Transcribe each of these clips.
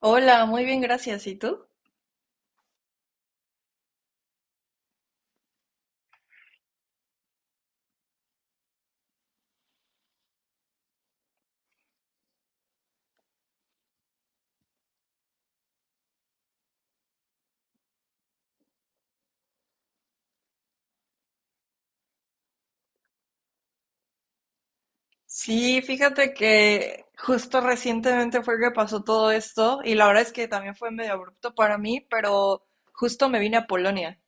Hola, muy bien, gracias. ¿Y tú? Sí, fíjate que justo recientemente fue que pasó todo esto y la verdad es que también fue medio abrupto para mí, pero justo me vine a Polonia.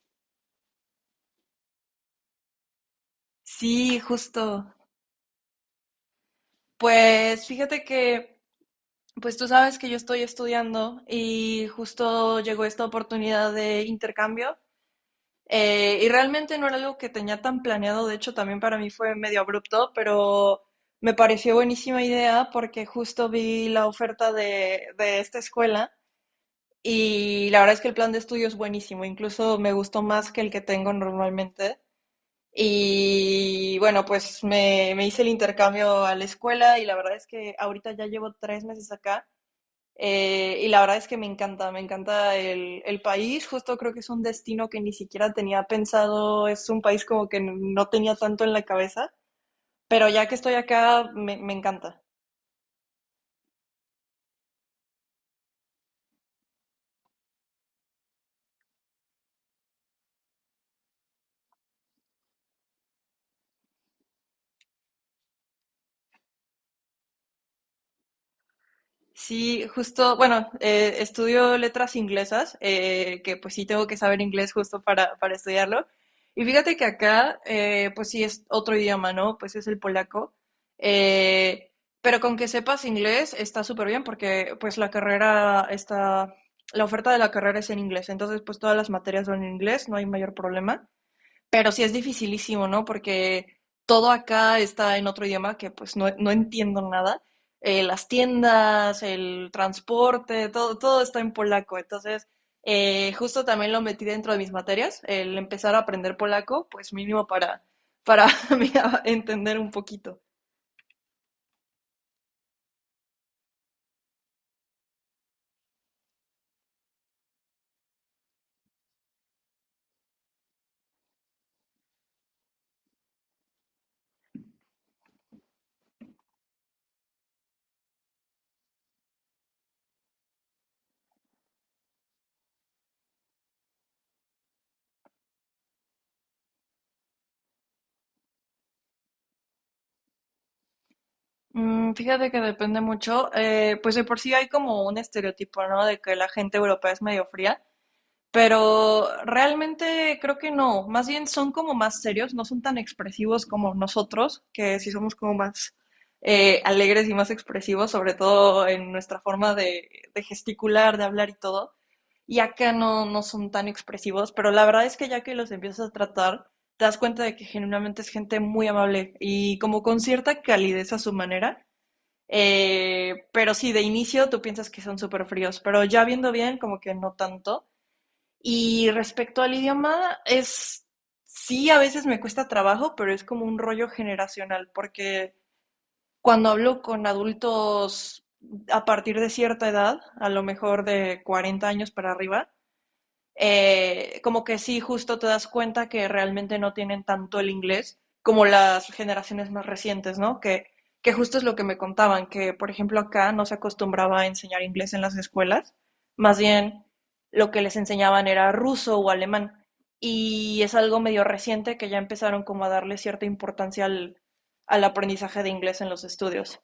Sí, justo. Pues fíjate que, pues tú sabes que yo estoy estudiando y justo llegó esta oportunidad de intercambio. Y realmente no era algo que tenía tan planeado, de hecho también para mí fue medio abrupto, pero me pareció buenísima idea porque justo vi la oferta de esta escuela y la verdad es que el plan de estudio es buenísimo, incluso me gustó más que el que tengo normalmente. Y bueno, pues me hice el intercambio a la escuela y la verdad es que ahorita ya llevo 3 meses acá, y la verdad es que me encanta el país. Justo creo que es un destino que ni siquiera tenía pensado, es un país como que no tenía tanto en la cabeza, pero ya que estoy acá, me encanta. Sí, justo, bueno, estudio letras inglesas, que pues sí tengo que saber inglés justo para estudiarlo. Y fíjate que acá, pues sí es otro idioma, ¿no? Pues es el polaco. Eh, pero con que sepas inglés está súper bien porque pues la oferta de la carrera es en inglés. Entonces pues todas las materias son en inglés, no hay mayor problema. Pero sí es dificilísimo, ¿no? Porque todo acá está en otro idioma que pues no, no entiendo nada. Las tiendas, el transporte, todo, todo está en polaco. Entonces, justo también lo metí dentro de mis materias, el empezar a aprender polaco, pues mínimo para mira, entender un poquito. Fíjate que depende mucho, pues de por sí hay como un estereotipo, ¿no? De que la gente europea es medio fría. Pero realmente creo que no, más bien son como más serios, no son tan expresivos como nosotros, que sí somos como más alegres y más expresivos, sobre todo en nuestra forma de gesticular, de hablar y todo. Y acá no, no son tan expresivos, pero la verdad es que ya que los empiezas a tratar, te das cuenta de que genuinamente es gente muy amable y como con cierta calidez a su manera. Pero sí, de inicio tú piensas que son súper fríos, pero ya viendo bien, como que no tanto. Y respecto al idioma, es sí, a veces me cuesta trabajo, pero es como un rollo generacional, porque cuando hablo con adultos a partir de cierta edad, a lo mejor de 40 años para arriba, como que sí, justo te das cuenta que realmente no tienen tanto el inglés como las generaciones más recientes, ¿no? Que justo es lo que me contaban, que por ejemplo acá no se acostumbraba a enseñar inglés en las escuelas, más bien lo que les enseñaban era ruso o alemán. Y es algo medio reciente que ya empezaron como a darle cierta importancia al, al aprendizaje de inglés en los estudios.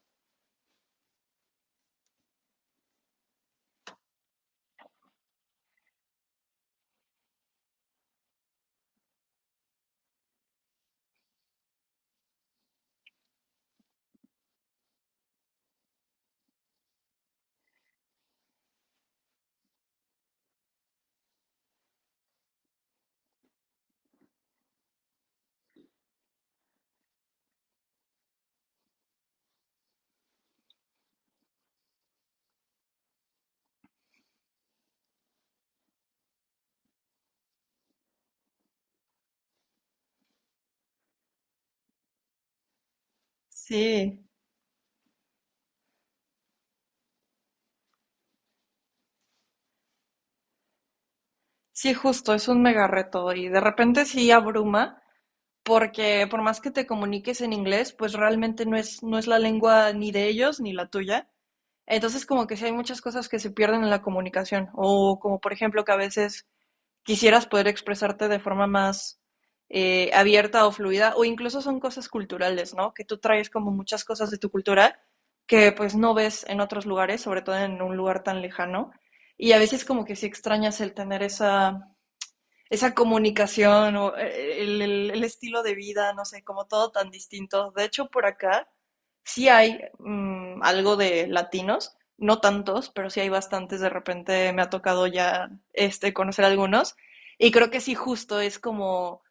Sí, sí, justo, es un mega reto y de repente sí abruma, porque por más que te comuniques en inglés, pues realmente no es, no es la lengua ni de ellos ni la tuya. Entonces, como que sí hay muchas cosas que se pierden en la comunicación, o como por ejemplo que a veces quisieras poder expresarte de forma más abierta o fluida, o incluso son cosas culturales, ¿no? Que tú traes como muchas cosas de tu cultura que pues no ves en otros lugares, sobre todo en un lugar tan lejano. Y a veces como que sí extrañas el tener esa comunicación o el estilo de vida, no sé, como todo tan distinto. De hecho, por acá sí hay algo de latinos, no tantos, pero sí hay bastantes. De repente me ha tocado ya este, conocer algunos. Y creo que sí, justo es como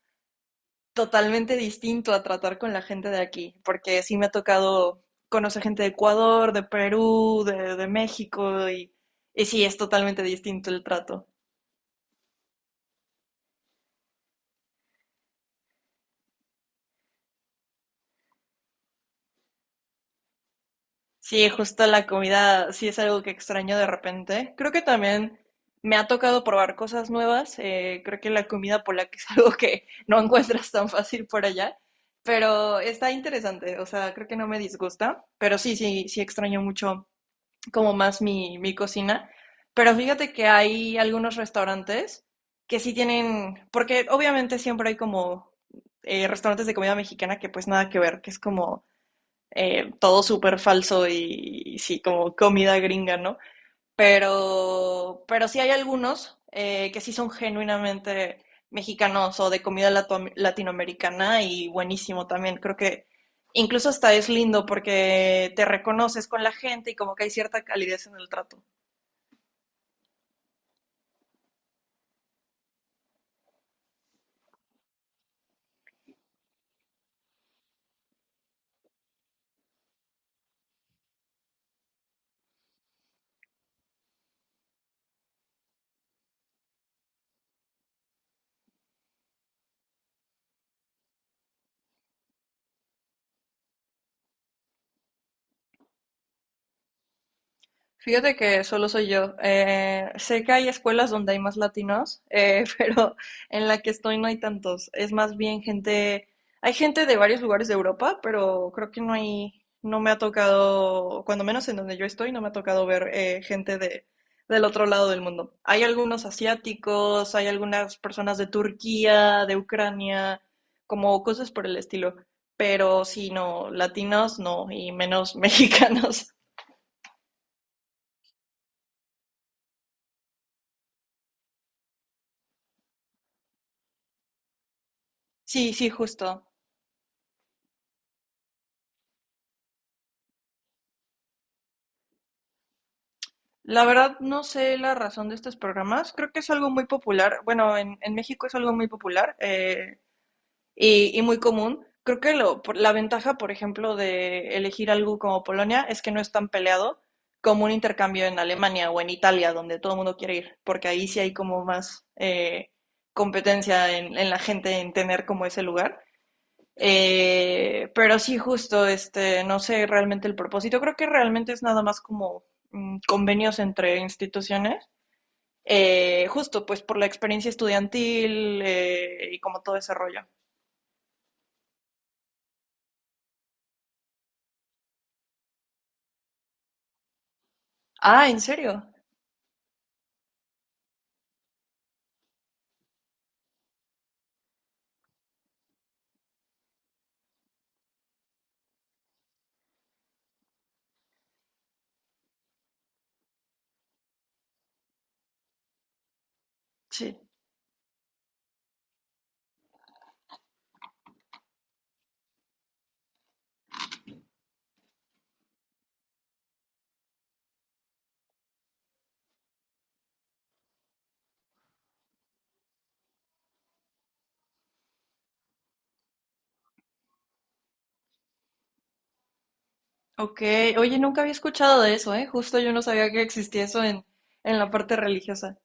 totalmente distinto a tratar con la gente de aquí, porque sí me ha tocado conocer gente de Ecuador, de Perú, de México, y sí, es totalmente distinto el trato. Sí, justo la comida sí es algo que extraño de repente. Creo que también me ha tocado probar cosas nuevas. Creo que la comida polaca es algo que no encuentras tan fácil por allá, pero está interesante. O sea, creo que no me disgusta, pero sí, sí, sí extraño mucho como más mi cocina. Pero fíjate que hay algunos restaurantes que sí tienen, porque obviamente siempre hay como restaurantes de comida mexicana que pues nada que ver, que es como todo súper falso y, sí, como comida gringa, ¿no? Pero sí hay algunos que sí son genuinamente mexicanos o de comida lato latinoamericana y buenísimo también. Creo que incluso hasta es lindo porque te reconoces con la gente y como que hay cierta calidez en el trato. Fíjate que solo soy yo. Sé que hay escuelas donde hay más latinos, pero en la que estoy no hay tantos. Es más bien gente, hay gente de varios lugares de Europa, pero creo que no hay, no me ha tocado, cuando menos en donde yo estoy, no me ha tocado ver gente del otro lado del mundo. Hay algunos asiáticos, hay algunas personas de Turquía, de Ucrania, como cosas por el estilo. Pero sí, no, latinos no, y menos mexicanos. Sí, sí, justo. La verdad no sé la razón de estos programas. Creo que es algo muy popular. Bueno, en México es algo muy popular y muy común. Creo que lo- por- la ventaja, por ejemplo, de elegir algo como Polonia es que no es tan peleado como un intercambio en Alemania o en Italia, donde todo el mundo quiere ir, porque ahí sí hay como más competencia en la gente en tener como ese lugar. Pero sí, justo, este, no sé realmente el propósito. Creo que realmente es nada más como convenios entre instituciones. Justo, pues por la experiencia estudiantil y como todo ese rollo. Ah, ¿en serio? Sí. Ok. Oye, nunca había escuchado de eso, ¿eh? Justo yo no sabía que existía eso en la parte religiosa.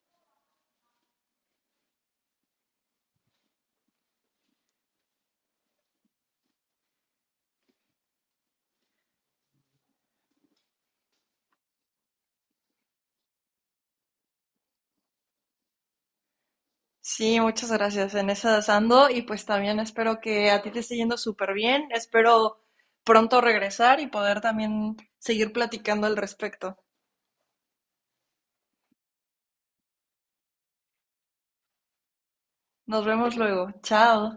Sí, muchas gracias. En esas ando y pues también espero que a ti te esté yendo súper bien. Espero pronto regresar y poder también seguir platicando al respecto. Nos vemos luego. Chao.